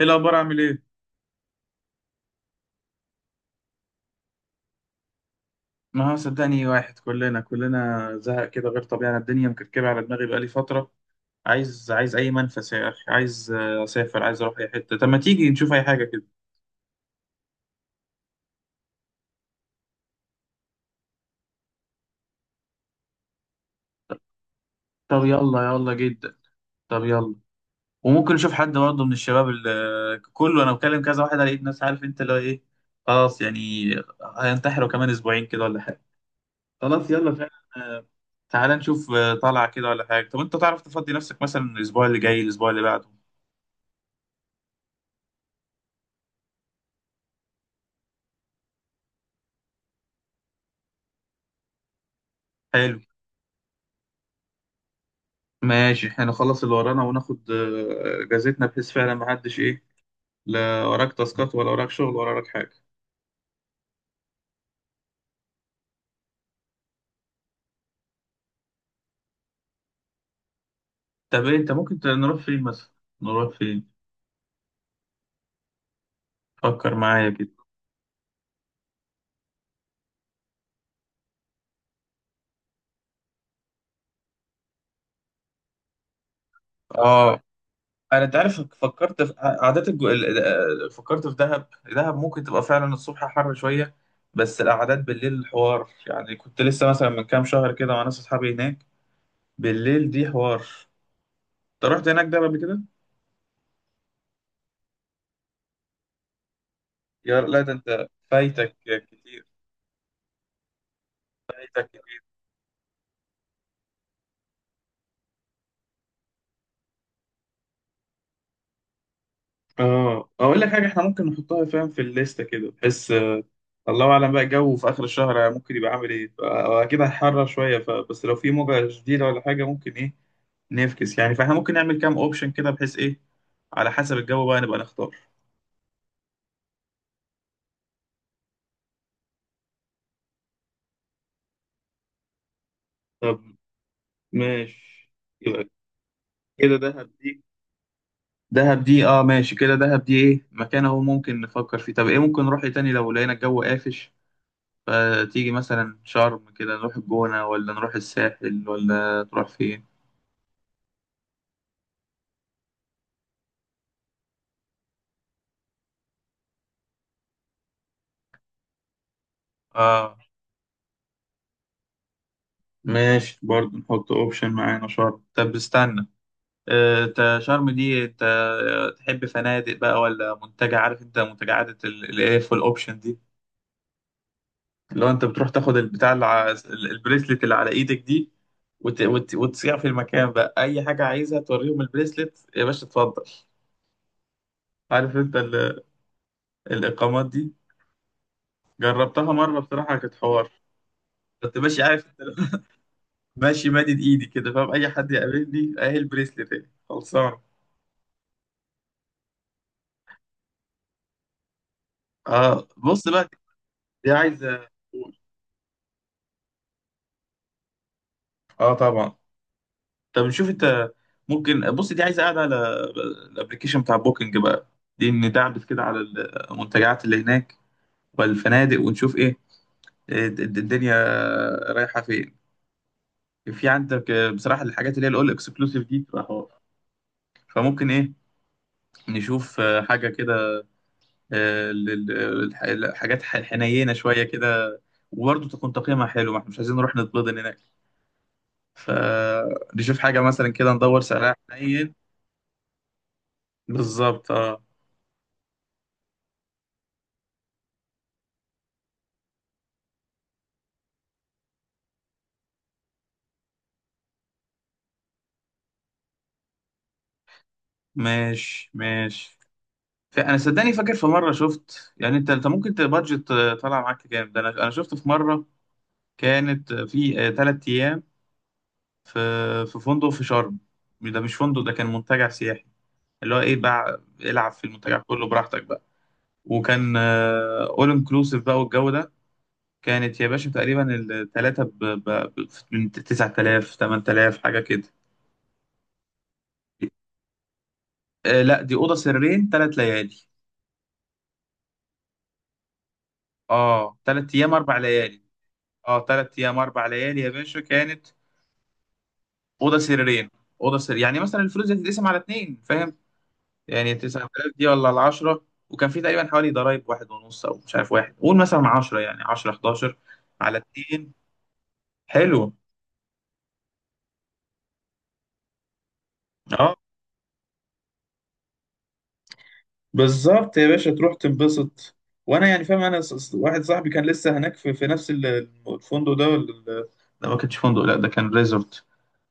ايه الاخبار؟ عامل ايه؟ ما هو صدقني واحد كلنا زهق كده غير طبيعي. انا الدنيا مكركبه على دماغي بقالي فتره. عايز اي منفس يا اخي. عايز اسافر، عايز اروح اي حته. طب ما تيجي نشوف اي حاجه كده؟ طب يلا، يلا جدا. طب يلا. وممكن نشوف حد برضه من الشباب اللي كله. انا بكلم كذا واحد على الناس، عارف انت اللي هو ايه. خلاص يعني هينتحروا كمان اسبوعين كده ولا حاجه. خلاص يلا فعلا. آه، تعالى نشوف طلعه كده ولا حاجه. طب انت تعرف تفضي نفسك مثلا الاسبوع اللي جاي، الاسبوع اللي بعده؟ حلو. ماشي، احنا نخلص اللي ورانا وناخد اجازتنا بحيث فعلا ما حدش ايه. لا وراك تاسكات ولا وراك شغل ولا وراك حاجه. طب إيه؟ انت ممكن نروح فين مثلا؟ نروح فين؟ فكر معايا كده. اه، انا انت عارف، فكرت في قعدات الجو فكرت في دهب. دهب ممكن تبقى فعلا الصبح حر شويه، بس القعدات بالليل الحوار. يعني كنت لسه مثلا من كام شهر كده مع ناس اصحابي هناك، بالليل دي حوار. انت رحت هناك دهب قبل كده؟ يا لا، ده انت فايتك كتير. فايتك كتير. اه، اقول لك حاجه، احنا ممكن نحطها فاهم في الليسته كده بحيث الله اعلم بقى الجو في اخر الشهر ممكن يبقى عامل ايه. اكيد هيحرر شويه، فبس لو في موجه شديده ولا حاجه ممكن ايه نفكس يعني. فاحنا ممكن نعمل كام اوبشن كده بحيث ايه، على حسب الجو بقى نبقى نختار. طب ماشي. يبقى كده دهب دي. دهب دي، اه ماشي، كده دهب دي ايه مكان اهو ممكن نفكر فيه. طب ايه ممكن نروح إيه تاني لو لقينا الجو قافش؟ فتيجي مثلا شرم كده، نروح الجونة، ولا نروح الساحل، ولا تروح فين؟ اه ماشي، برضه نحط اوبشن معانا شرم. طب استنى، انت شرم دي انت تحب فنادق بقى ولا منتجع؟ عارف انت منتجعات الاف والاوبشن دي، اللي هو انت بتروح تاخد البتاع اللي البريسلت اللي على ايدك دي وتصيع في المكان بقى. اي حاجه عايزها توريهم البريسلت يا باشا اتفضل. عارف انت الاقامات دي؟ جربتها مره بصراحه كانت حوار. كنت ماشي عارف انت، ماشي مادد ايدي كده فاهم، اي حد يقابلني اهي البريسلت اهي. خلصان؟ اه بص بقى، دي عايزه. اه طبعا. طب نشوف. انت ممكن بص، دي عايزه قاعده على الابلكيشن بتاع بوكينج بقى. دي ندعبس كده على المنتجعات اللي هناك والفنادق، ونشوف ايه الدنيا رايحه فين. في عندك بصراحه الحاجات اللي هي الاول اكسكلوسيف دي بتبقى حوار، فممكن ايه نشوف حاجه كده، آه، لل- الحاجات حنينه شويه كده، وبرضه تكون تقييمها حلو. ما احنا مش عايزين نروح نتبضن هناك، فنشوف حاجه مثلا كده ندور سعرها حنين. بالظبط اه. ماشي ماشي. انا صدقني فاكر في مره شفت يعني، انت ممكن تبادجت طالع معاك كام؟ ده انا شفت في مره كانت في ثلاث ايام في فندق في شرم. ده مش فندق، ده كان منتجع سياحي، اللي هو ايه بقى العب في المنتجع كله براحتك بقى. وكان اول انكلوسيف بقى والجو ده، كانت يا باشا تقريبا الثلاثه من 9,000، 8,000 حاجه كده. لا، دي اوضه سريرين، ثلاث ليالي. اه ثلاث ايام اربع ليالي. اه ثلاث ايام اربع ليالي يا باشا كانت. اوضه سريرين، اوضه سرير، يعني مثلا الفلوس دي تتقسم على اتنين فاهم؟ يعني 9,000 دي، ولا ال 10. وكان في تقريبا حوالي ضرايب واحد ونص، او مش عارف واحد، قول مثلا 10. يعني 10، 11 على اتنين، حلو. اه بالظبط يا باشا، تروح تنبسط. وانا يعني فاهم. انا واحد صاحبي كان لسه هناك في, نفس الفندق ده، ولا ال- لا ما كانش فندق، لا ده كان ريزورت.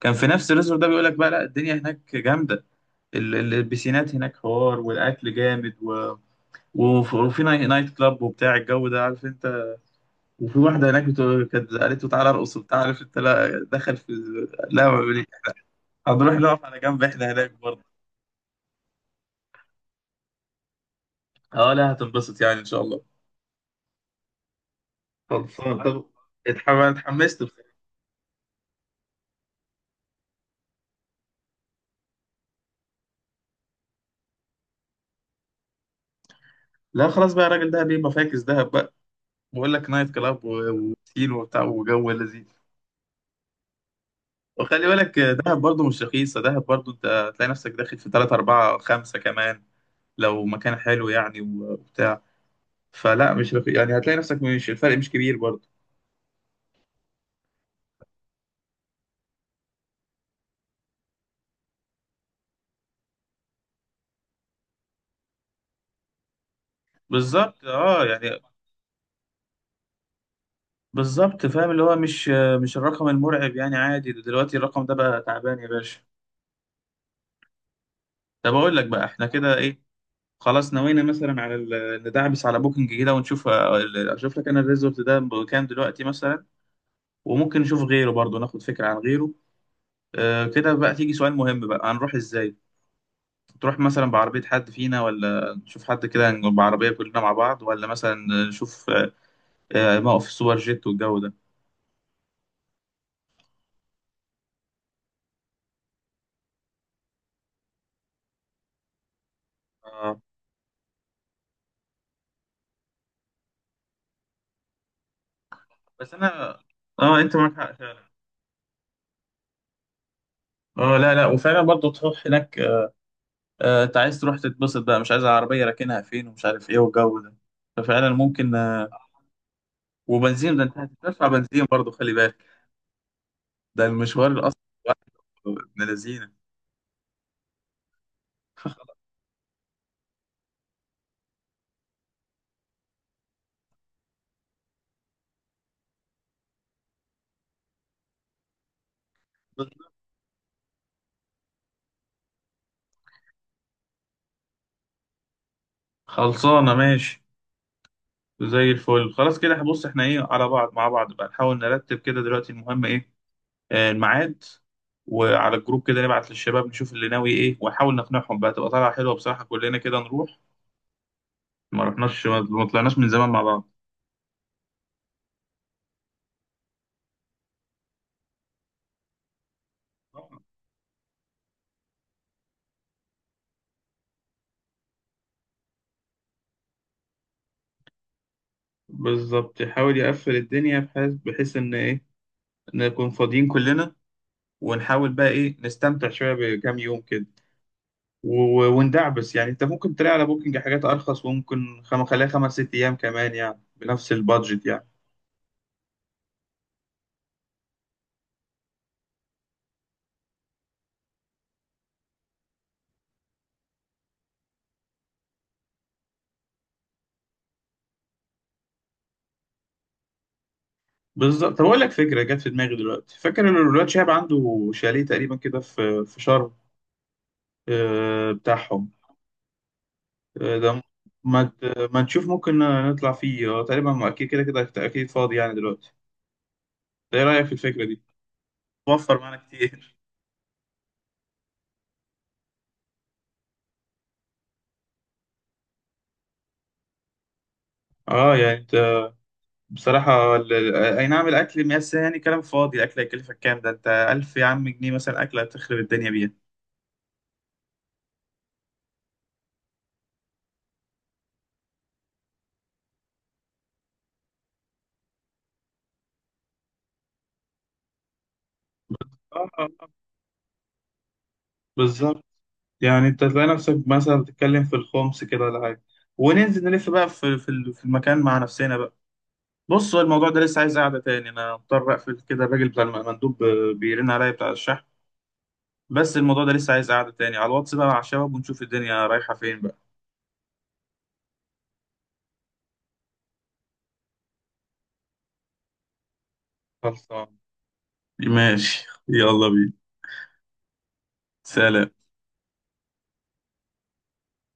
كان في نفس الريزورت ده، بيقول لك بقى لا الدنيا هناك جامده، البسينات هناك حوار، والاكل جامد، وفي نايت كلاب وبتاع الجو ده عارف انت. وفي واحده هناك كانت قالت له تعالى ارقص وبتاع عارف انت، لا دخل في، لا ما بي- هنروح نقف على جنب احنا هناك برضه. اه لا، هتنبسط يعني ان شاء الله. خلصان. طب اتحمست بصراحة. لا خلاص بقى، الراجل ده بيبقى فاكس دهب بقى، بقول لك نايت كلاب وسين وبتاع وجو لذيذ. وخلي بالك دهب برضو مش رخيصة، دهب برضو انت هتلاقي نفسك داخل في تلاتة، أربعة، خمسة كمان لو مكان حلو يعني وبتاع. فلا مش رخيص يعني، هتلاقي نفسك مش، الفرق مش كبير برضو. بالظبط اه يعني، بالظبط فاهم، اللي هو مش مش الرقم المرعب يعني، عادي. ده دلوقتي الرقم ده بقى تعبان يا باشا. طب أقول لك بقى احنا كده ايه، خلاص نوينا مثلا على ندعبس على بوكينج كده ونشوف. اشوف لك انا الريزورت ده بكام دلوقتي مثلا، وممكن نشوف غيره برضو ناخد فكرة عن غيره. آه كده بقى تيجي سؤال مهم بقى، هنروح ازاي؟ تروح مثلا بعربية حد فينا، ولا نشوف حد كده نجيب بعربية كلنا مع بعض، ولا مثلا نشوف آه موقف سوبر جيت والجو ده؟ آه بس انا، اه انت معاك حق فعلا. اه لا لا، وفعلا برضه تروح هناك آه انت عايز تروح تتبسط بقى، مش عايز العربية راكنها فين ومش عارف ايه والجو ده. ففعلا ممكن آه. وبنزين ده، انت هتدفع بنزين برضه خلي بالك، ده المشوار الاصلي من الذين. خلصانة ماشي. زي الفل خلاص كده. بص احنا ايه على بعض مع بعض بقى، نحاول نرتب كده دلوقتي المهم ايه، الميعاد. وعلى الجروب كده نبعت للشباب نشوف اللي ناوي ايه، ونحاول نقنعهم بقى تبقى طالعة حلوة بصراحة، كلنا كده نروح. ما رحناش، ما طلعناش من زمان مع بعض. بالظبط، يحاول يقفل الدنيا بحيث ان ايه، نكون فاضيين كلنا، ونحاول بقى ايه نستمتع شويه بكام يوم كده. وندعبس يعني، انت ممكن تلاقي على بوكينج حاجات ارخص، وممكن خليها خمس ست ايام كمان يعني بنفس البادجت يعني. بالظبط. طب اقول لك فكره جت في دماغي دلوقتي، فاكر ان الولاد شهاب عنده شاليه تقريبا كده في شرم، بتاعهم ده. ما نشوف ممكن نطلع فيه تقريبا، ما اكيد كده كده اكيد فاضي يعني دلوقتي ده. ايه رايك في الفكره دي؟ توفر معانا كتير. اه يعني انت بصراحه اي نعم الاكل، بس يعني كلام فاضي. الاكل هيكلفك كام؟ ده انت 1,000 يا عم جنيه مثلا اكله هتخرب الدنيا بيها. آه، آه، آه. بالظبط. يعني انت تلاقي نفسك مثلا بتتكلم في الخمس كده ولا حاجه، وننزل نلف بقى في في المكان مع نفسنا بقى. بص هو الموضوع ده لسه عايز قعده تاني، انا مضطر اقفل كده. الراجل بتاع المندوب بيرن عليا بتاع الشحن. بس الموضوع ده لسه عايز قعده تاني على الواتس بقى مع الشباب، ونشوف الدنيا رايحه فين بقى. خلصان. ماشي يلا بينا. سلام.